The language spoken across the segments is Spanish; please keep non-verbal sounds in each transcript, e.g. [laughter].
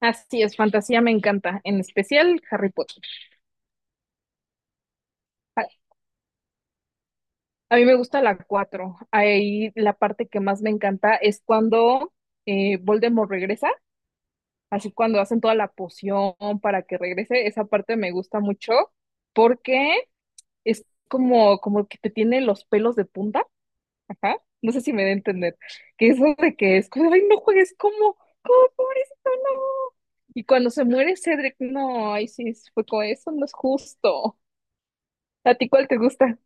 Así es, fantasía me encanta, en especial Harry Potter. A, a mí me gusta la 4. Ahí la parte que más me encanta es cuando Voldemort regresa, así cuando hacen toda la poción para que regrese. Esa parte me gusta mucho porque es como que te tiene los pelos de punta. Ajá. No sé si me da a entender. Que eso de que es como, ay, no juegues como pobrecito, no. Y cuando se muere Cedric, no, ay, sí, fue con eso, no es justo. ¿A ti cuál te gusta?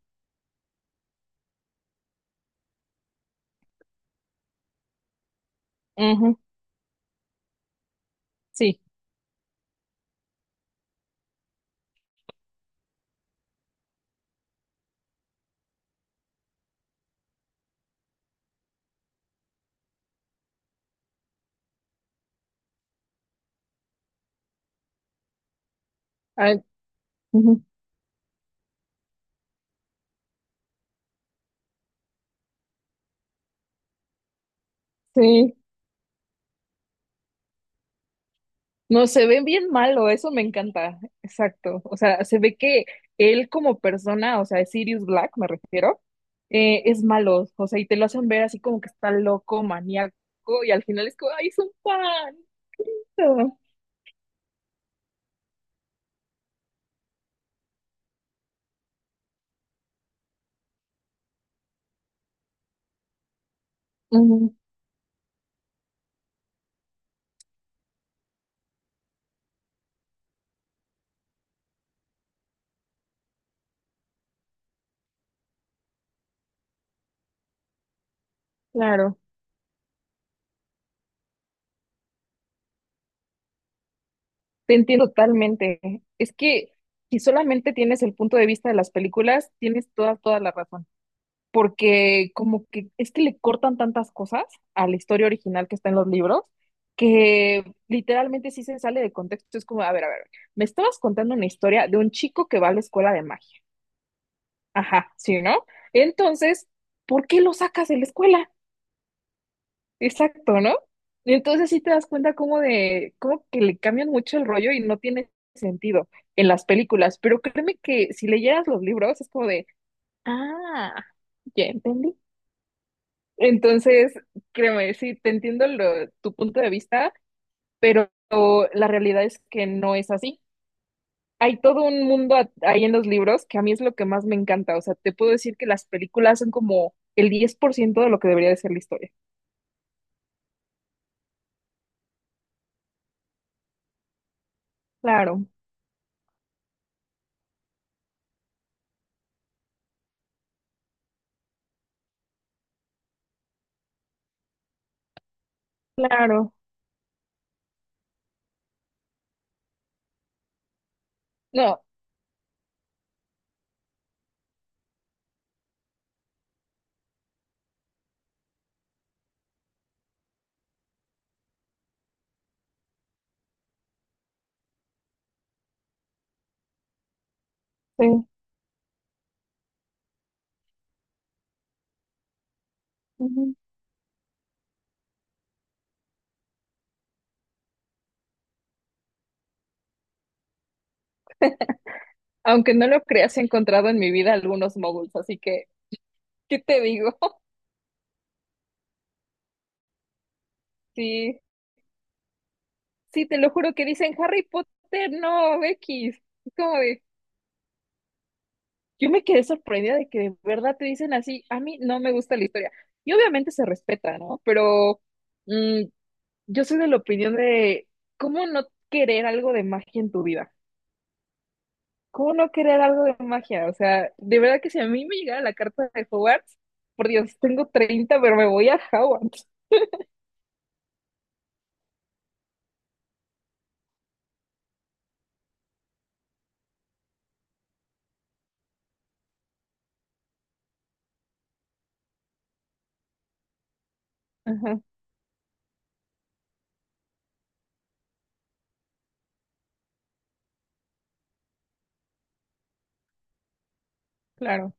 Ujú, sí, ah, ujú, sí, no, se ve bien malo, eso me encanta, exacto, o sea, se ve que él como persona, o sea, Sirius Black me refiero, es malo, o sea, y te lo hacen ver así como que está loco, maníaco, y al final es como, ay, es un pan. Ujú, claro, te entiendo totalmente, es que si solamente tienes el punto de vista de las películas, tienes toda, toda la razón. Porque como que es que le cortan tantas cosas a la historia original que está en los libros que literalmente sí se sale de contexto. Es como, a ver, me estabas contando una historia de un chico que va a la escuela de magia. Ajá, sí, ¿no? Entonces, ¿por qué lo sacas de la escuela? Exacto, ¿no? Y entonces sí te das cuenta como de, como que le cambian mucho el rollo y no tiene sentido en las películas, pero créeme que si leyeras los libros es como de, ah, ya entendí. Entonces, créeme, sí, te entiendo tu punto de vista, pero la realidad es que no es así. Hay todo un mundo ahí en los libros que a mí es lo que más me encanta. O sea, te puedo decir que las películas son como el 10% de lo que debería de ser la historia. Claro, claro. No, sí. Ujú. Aunque no lo creas, he encontrado en mi vida algunos moguls, así que, ¿qué te digo? [laughs] Sí, sí, te lo juro que dicen Harry Potter, no, X. Yo me quedé sorprendida de que de verdad te dicen así, a mí no me gusta la historia. Y obviamente se respeta, ¿no? Pero mm, yo soy de la opinión de cómo no querer algo de magia en tu vida. ¿Cómo no querer algo de magia? O sea, de verdad que si a mí me llegara la carta de Hogwarts, por Dios, tengo 30 pero me voy a Hogwarts. Ajá, claro.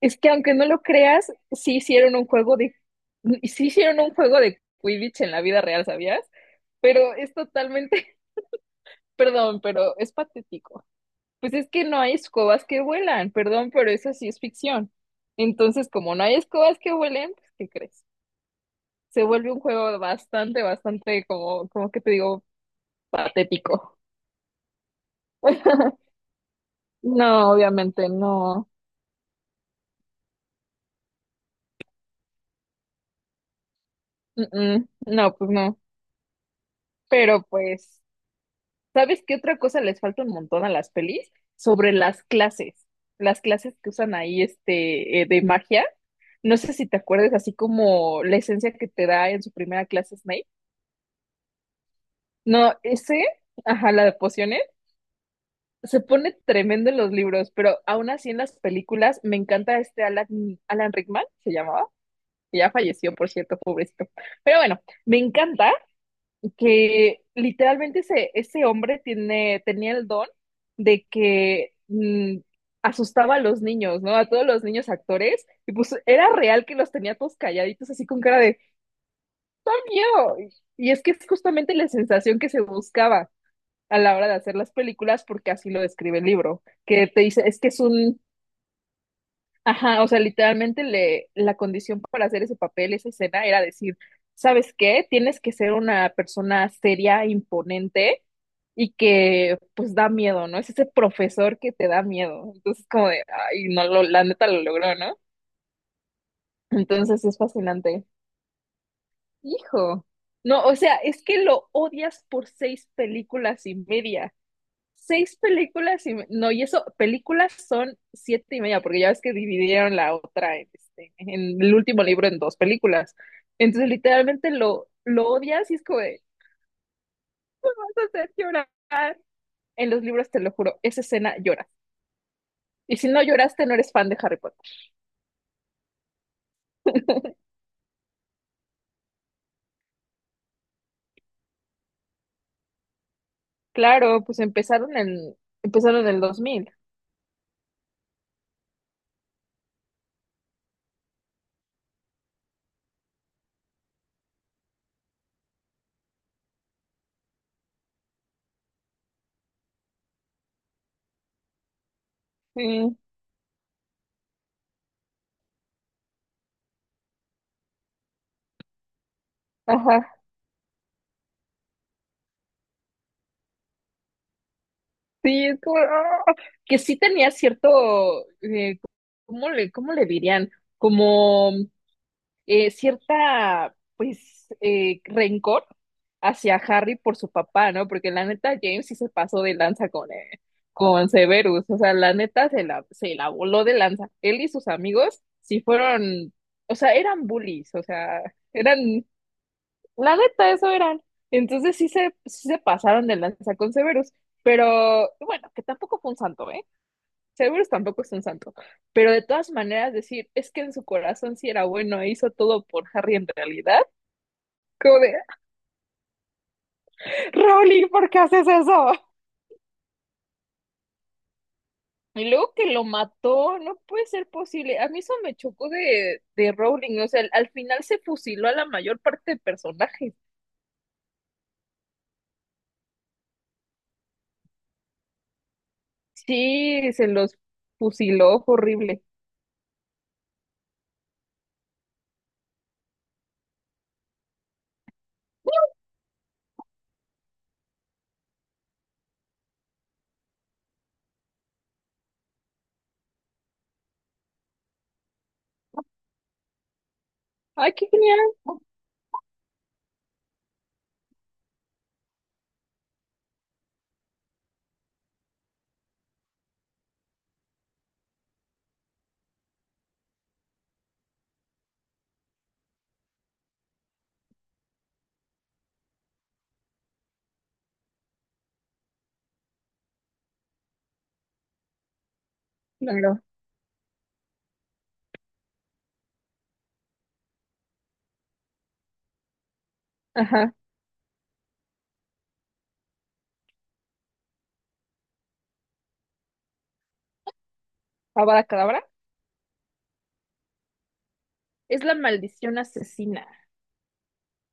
Es que aunque no lo creas, sí hicieron un juego de Quidditch en la vida real, ¿sabías? Pero es totalmente. Perdón, pero es patético. Pues es que no hay escobas que vuelan, perdón, pero eso sí es ficción. Entonces, como no hay escobas que vuelen, pues, ¿qué crees? Se vuelve un juego bastante, bastante, como que te digo, patético. [laughs] No, obviamente no. Mm, mm. No, pues no. Pero pues. ¿Sabes qué otra cosa les falta un montón a las pelis? Sobre las clases que usan ahí este, de magia. No sé si te acuerdas, así como la esencia que te da en su primera clase Snape. No, ese, ajá, la de pociones, se pone tremendo en los libros, pero aún así en las películas me encanta este Alan Rickman, se llamaba, que ya falleció, por cierto, pobrecito. Pero bueno, me encanta que literalmente ese hombre tenía el don de que asustaba a los niños, ¿no? A todos los niños actores, y pues era real que los tenía todos calladitos así con cara de ¡Oh, miedo! Y es que es justamente la sensación que se buscaba a la hora de hacer las películas, porque así lo describe el libro, que te dice, es que es un. Ajá, o sea, literalmente la condición para hacer ese papel, esa escena, era decir, ¿sabes qué? Tienes que ser una persona seria, imponente y que pues da miedo, ¿no? Es ese profesor que te da miedo. Entonces, como de, ay, no, la neta lo logró, ¿no? Entonces es fascinante. Hijo. No, o sea, es que lo odias por seis películas y media. Seis películas no, y eso, películas son siete y media, porque ya ves que dividieron la otra en, este, en el último libro en dos películas. Entonces, literalmente lo odias y es como de, vas a hacer llorar. En los libros, te lo juro, esa escena lloras. Y si no lloraste, no eres fan de Harry Potter. Claro, pues empezaron en el 2000. Sí, ajá. Sí, es como, ¡ah! Que sí tenía cierto, eh, ¿cómo le dirían? Como cierta, pues, rencor hacia Harry por su papá, ¿no? Porque la neta James sí se pasó de lanza con Severus, o sea, la neta se la voló de lanza. Él y sus amigos sí fueron, o sea, eran bullies, o sea, eran, la neta, eso eran. Entonces sí se pasaron de lanza con Severus, pero bueno, que tampoco fue un santo, ¿eh? Seguro tampoco es un santo, pero de todas maneras decir, es que en su corazón sí era bueno e hizo todo por Harry en realidad, como de, Rowling, ¿por qué haces eso? Y luego que lo mató, no puede ser posible. A mí eso me chocó de Rowling, o sea, al final se fusiló a la mayor parte de personajes. Sí, se los fusiló, fue horrible. Ay, qué genial. Claro. Ajá. Avada Kedavra es la maldición asesina.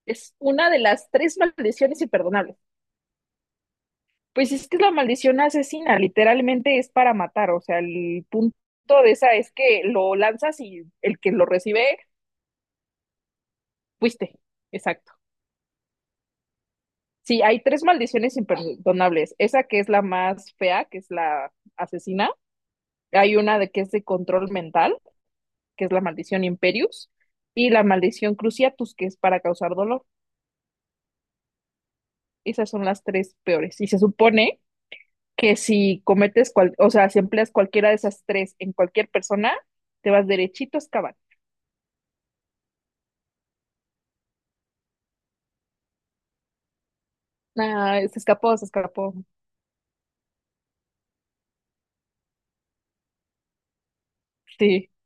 Es una de las tres maldiciones imperdonables. Pues es que es la maldición asesina, literalmente es para matar, o sea, el punto de esa es que lo lanzas y el que lo recibe, fuiste, exacto. Sí, hay tres maldiciones imperdonables, esa que es la más fea, que es la asesina, hay una de que es de control mental, que es la maldición Imperius, y la maldición Cruciatus, que es para causar dolor. Esas son las tres peores. Y se supone que si cometes, o sea, si empleas cualquiera de esas tres en cualquier persona, te vas derechito a excavar. Ah, se escapó, se escapó. Sí